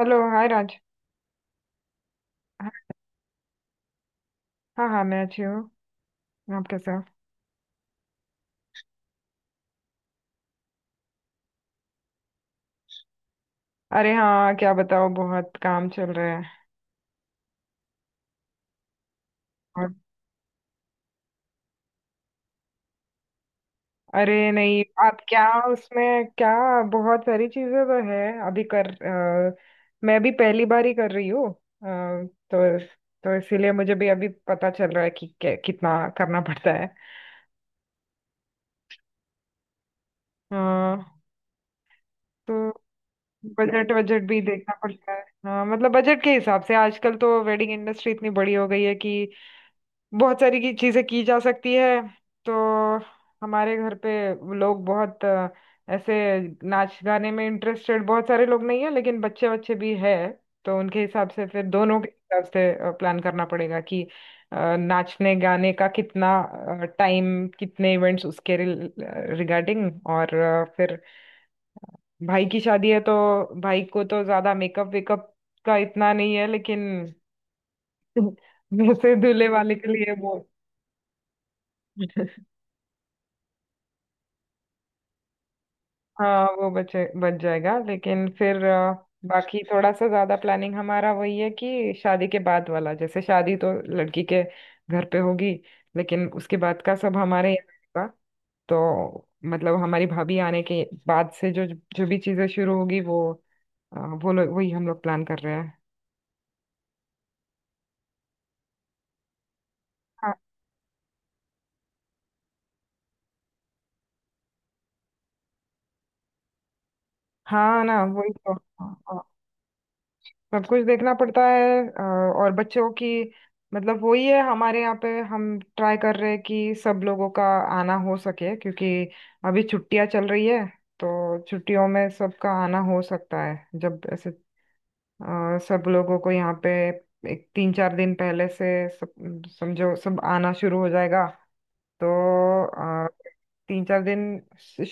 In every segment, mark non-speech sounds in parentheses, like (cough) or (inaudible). Hello, hi Raj. हाँ। हाँ, हाँ, मैं अच्छी हूँ। आप कैसे हो? अरे हाँ, क्या बताओ, बहुत काम चल रहा है। और अरे नहीं, आप क्या? उसमें क्या? बहुत सारी चीजें तो है। अभी कर अ, मैं भी पहली बार ही कर रही हूँ। तो तो इसीलिए मुझे भी अभी पता चल रहा है कि कितना करना पड़ता है। अ, तो बजट बजट भी देखना पड़ता है। हाँ मतलब बजट के हिसाब से आजकल तो वेडिंग इंडस्ट्री इतनी बड़ी हो गई है कि बहुत सारी की चीजें की जा सकती है। तो हमारे घर पे लोग बहुत ऐसे नाच गाने में इंटरेस्टेड बहुत सारे लोग नहीं है, लेकिन बच्चे बच्चे भी है। तो उनके हिसाब से, फिर दोनों के हिसाब से प्लान करना पड़ेगा कि नाचने गाने का कितना टाइम, कितने इवेंट्स उसके रिगार्डिंग। और फिर भाई की शादी है तो भाई को तो ज्यादा मेकअप वेकअप का इतना नहीं है, लेकिन (laughs) वैसे दूल्हे वाले के लिए वो। (laughs) हाँ वो बचे बच जाएगा, लेकिन फिर बाकी थोड़ा सा ज्यादा प्लानिंग हमारा वही है कि शादी के बाद वाला, जैसे शादी तो लड़की के घर पे होगी, लेकिन उसके बाद का सब हमारे यहाँ होगा। तो मतलब हमारी भाभी आने के बाद से जो जो भी चीजें शुरू होगी, वो लोग वही हम लोग प्लान कर रहे हैं। हाँ, हाँ ना वही तो। हाँ, हाँ। सब कुछ देखना पड़ता है। और बच्चों की, मतलब वही है। हमारे यहाँ पे हम ट्राई कर रहे हैं कि सब लोगों का आना हो सके क्योंकि अभी छुट्टियां चल रही है। तो छुट्टियों में सबका आना हो सकता है जब ऐसे सब लोगों को यहाँ पे एक 3-4 दिन पहले से सब समझो सब आना शुरू हो जाएगा। तो अ, 3-4 दिन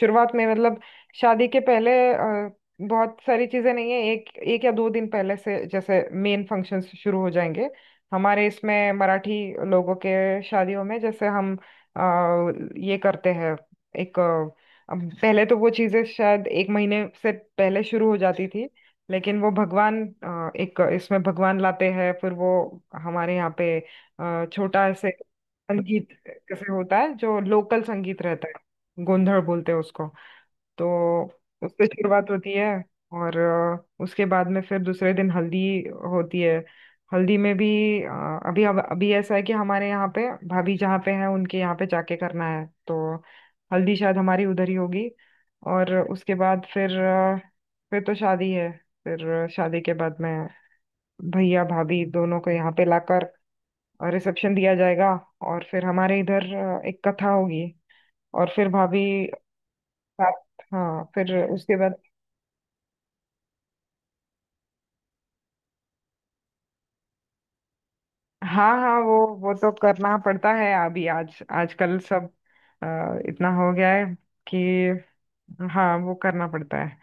शुरुआत में, मतलब शादी के पहले बहुत सारी चीजें नहीं है। एक एक या दो दिन पहले से जैसे मेन फंक्शंस शुरू हो जाएंगे। हमारे इसमें मराठी लोगों के शादियों में जैसे हम अ, ये करते हैं। एक अब पहले तो वो चीजें शायद एक महीने से पहले शुरू हो जाती थी, लेकिन वो भगवान एक इसमें भगवान लाते हैं, फिर वो हमारे यहाँ पे छोटा ऐसे संगीत से होता है। जो लोकल संगीत रहता है, गोंधड़ बोलते हैं उसको। तो उससे शुरुआत होती है। और उसके बाद में फिर दूसरे दिन हल्दी होती है। हल्दी में भी अ, अभी ऐसा है कि हमारे यहाँ पे भाभी जहाँ पे हैं उनके यहाँ पे जाके करना है, तो हल्दी शायद हमारी उधर ही होगी। और उसके बाद फिर फिर तो शादी है। फिर शादी के बाद में भैया भाभी दोनों को यहाँ पे लाकर और रिसेप्शन दिया जाएगा। और फिर हमारे इधर एक कथा होगी। और फिर भाभी साथ, हाँ, फिर उसके बाद। हाँ, हाँ, वो तो करना पड़ता है। अभी आज आजकल सब इतना हो गया है कि। हाँ वो करना पड़ता है।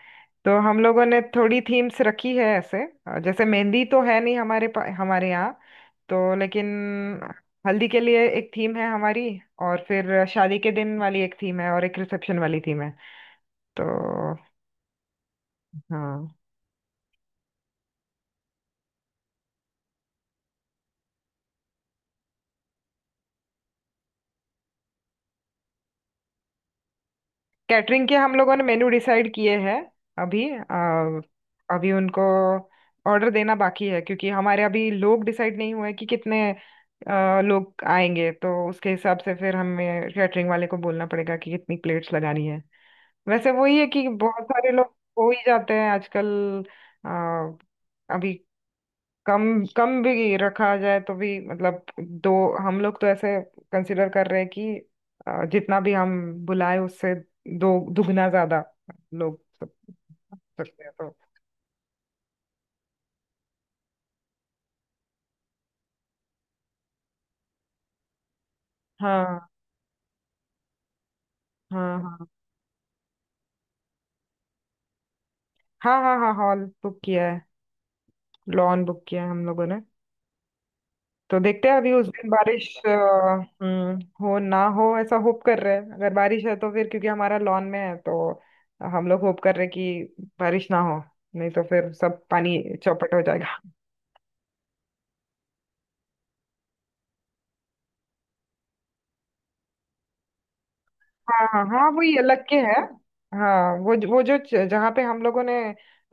तो हम लोगों ने थोड़ी थीम्स रखी है ऐसे। जैसे मेहंदी तो है नहीं हमारे हमारे यहाँ। तो लेकिन हल्दी के लिए एक थीम है हमारी, और फिर शादी के दिन वाली एक थीम है, और एक रिसेप्शन वाली थीम है। तो हाँ। कैटरिंग के हम लोगों ने मेनू डिसाइड किए हैं, अभी अभी उनको ऑर्डर देना बाकी है क्योंकि हमारे अभी लोग डिसाइड नहीं हुए कि कितने लोग आएंगे। तो उसके हिसाब से फिर हमें कैटरिंग वाले को बोलना पड़ेगा कि कितनी प्लेट्स लगानी है। वैसे वही है कि बहुत सारे लोग हो ही जाते हैं आजकल। अ, अभी कम कम भी रखा जाए तो भी मतलब दो, हम लोग तो ऐसे कंसिडर कर रहे हैं कि जितना भी हम बुलाए उससे दो दुगना ज्यादा लोग सक सकते हैं। तो हाँ, हाँ, हाँ, हाँ, हाँ, हाँ, हॉल बुक किया है, लॉन बुक किया है हम लोगों ने। तो देखते हैं अभी उस दिन बारिश हम्म, हो ना हो, ऐसा होप कर रहे हैं। अगर बारिश है तो फिर क्योंकि हमारा लॉन में है तो हम लोग होप कर रहे हैं कि बारिश ना हो, नहीं तो फिर सब पानी चौपट हो जाएगा। हाँ, हाँ, हाँ, वो ये लग के है। हाँ वो वो जो जहाँ पे हम लोगों ने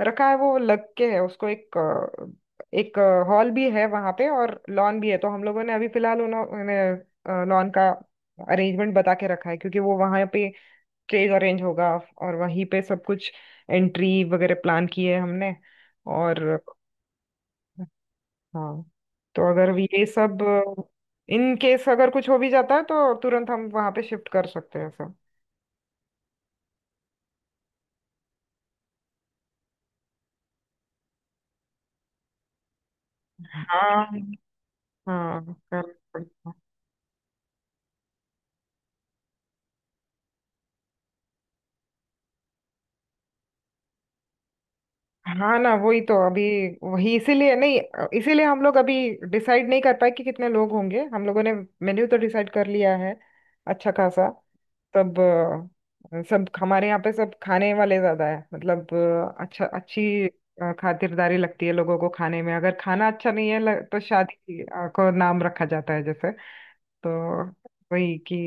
रखा है वो लग के है उसको, एक एक हॉल भी है वहाँ पे और लॉन भी है। तो हम लोगों ने अभी फिलहाल उन्होंने लॉन का अरेंजमेंट बता के रखा है क्योंकि वो वहाँ पे स्टेज अरेंज होगा और वहीं पे सब कुछ एंट्री वगैरह प्लान की है हमने। और हाँ, तो अगर ये सब इन केस अगर कुछ हो भी जाता है तो तुरंत हम वहाँ पे शिफ्ट कर सकते हैं सब। हाँ, हाँ, करना पड़ता है। हाँ ना वही तो। अभी वही इसीलिए नहीं इसीलिए हम लोग अभी डिसाइड नहीं कर पाए कि कितने लोग होंगे। हम लोगों ने मेन्यू तो डिसाइड कर लिया है, अच्छा खासा। तब सब हमारे यहाँ पे सब खाने वाले ज्यादा है, मतलब अच्छी खातिरदारी लगती है लोगों को खाने में। अगर खाना अच्छा नहीं है तो शादी को नाम रखा जाता है जैसे। तो वही कि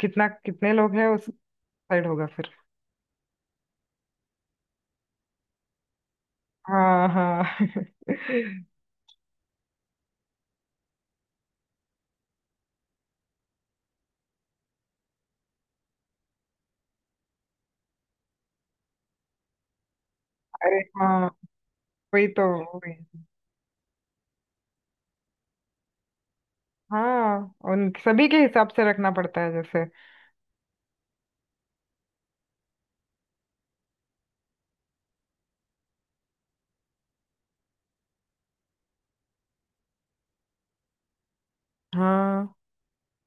कितना कितने लोग हैं उस साइड होगा फिर। हाँ, हाँ। (laughs) अरे हाँ, वही तो, वही। हाँ उन सभी के हिसाब से रखना पड़ता है जैसे। हाँ,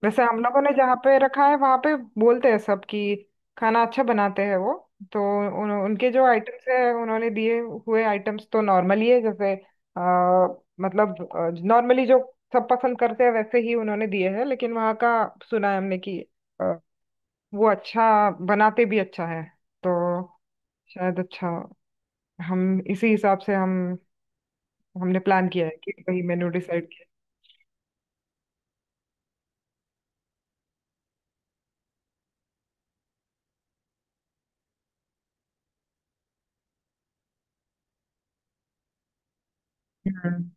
वैसे हम लोगों ने जहाँ पे रखा है वहाँ पे बोलते हैं सब कि खाना अच्छा बनाते हैं वो। तो उनके जो आइटम्स है उन्होंने दिए हुए आइटम्स तो नॉर्मली है जैसे आ, मतलब नॉर्मली जो सब पसंद करते हैं वैसे ही उन्होंने दिए हैं। लेकिन वहाँ का सुना है हमने कि अ, वो अच्छा बनाते भी अच्छा है। तो शायद अच्छा हम इसी हिसाब से हम हमने प्लान किया है कि कहीं मेनू डिसाइड किया है। हम्म।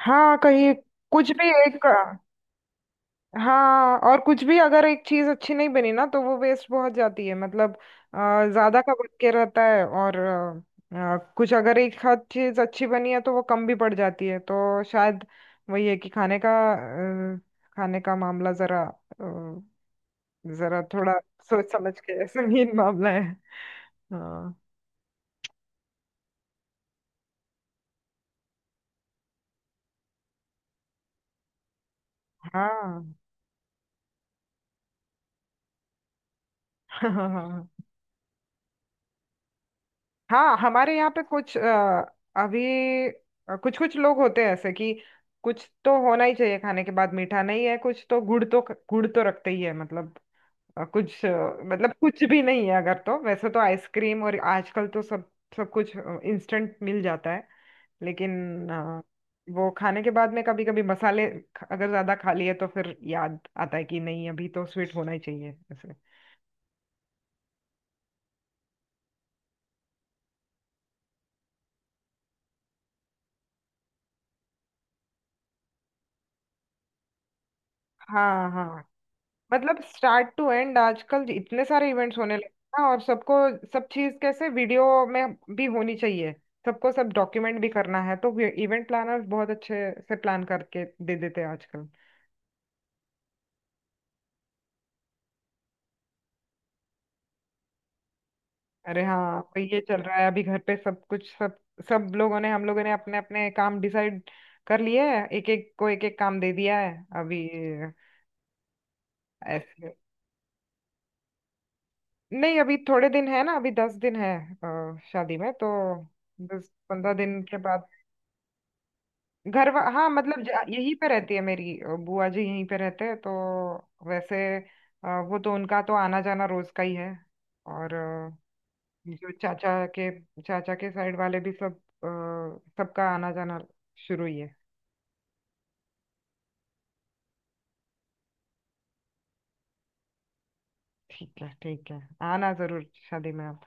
हाँ कहीं कुछ भी एक। हाँ और कुछ भी अगर एक चीज अच्छी नहीं बनी ना तो वो वेस्ट बहुत जाती है, मतलब अ, ज्यादा का बच के रहता है। और कुछ अगर एक आध चीज अच्छी बनी है तो वो कम भी पड़ जाती है। तो शायद वही है कि खाने का अ, खाने का मामला जरा अ, जरा थोड़ा सोच समझ के संगीन मामला है। हाँ, हाँ। (laughs) हाँ हमारे यहाँ पे कुछ अभी कुछ कुछ लोग होते हैं ऐसे कि कुछ तो होना ही चाहिए खाने के बाद। मीठा नहीं है कुछ, तो गुड़ तो रखते ही है, मतलब। कुछ मतलब कुछ भी नहीं है अगर, तो वैसे तो आइसक्रीम, और आजकल तो सब सब कुछ इंस्टेंट मिल जाता है। लेकिन अ, वो खाने के बाद में कभी कभी मसाले अगर ज्यादा खा लिए तो फिर याद आता है कि नहीं अभी तो स्वीट होना ही चाहिए ऐसे। हाँ, हाँ। मतलब स्टार्ट टू एंड आजकल इतने सारे इवेंट्स होने लगे हैं ना, और सबको सब चीज कैसे वीडियो में भी होनी चाहिए। सबको सब डॉक्यूमेंट भी करना है तो इवेंट प्लानर्स बहुत अच्छे से प्लान करके दे देते हैं आजकल। अरे हाँ, तो ये चल रहा है अभी घर पे। सब कुछ सब सब लोगों ने हम लोगों ने अपने अपने काम डिसाइड कर लिए हैं। एक एक को एक एक काम दे दिया है अभी। ऐसे नहीं, अभी थोड़े दिन है ना, अभी 10 दिन है। शादी में तो 10-15 दिन के बाद घर हाँ मतलब यहीं पे रहती है मेरी बुआ जी, यहीं पे रहते हैं तो वैसे वो तो उनका तो आना जाना रोज का ही है। और जो चाचा के साइड वाले भी सब अ, सबका आना जाना शुरू ही है। ठीक है, ठीक है। आना जरूर शादी में आप।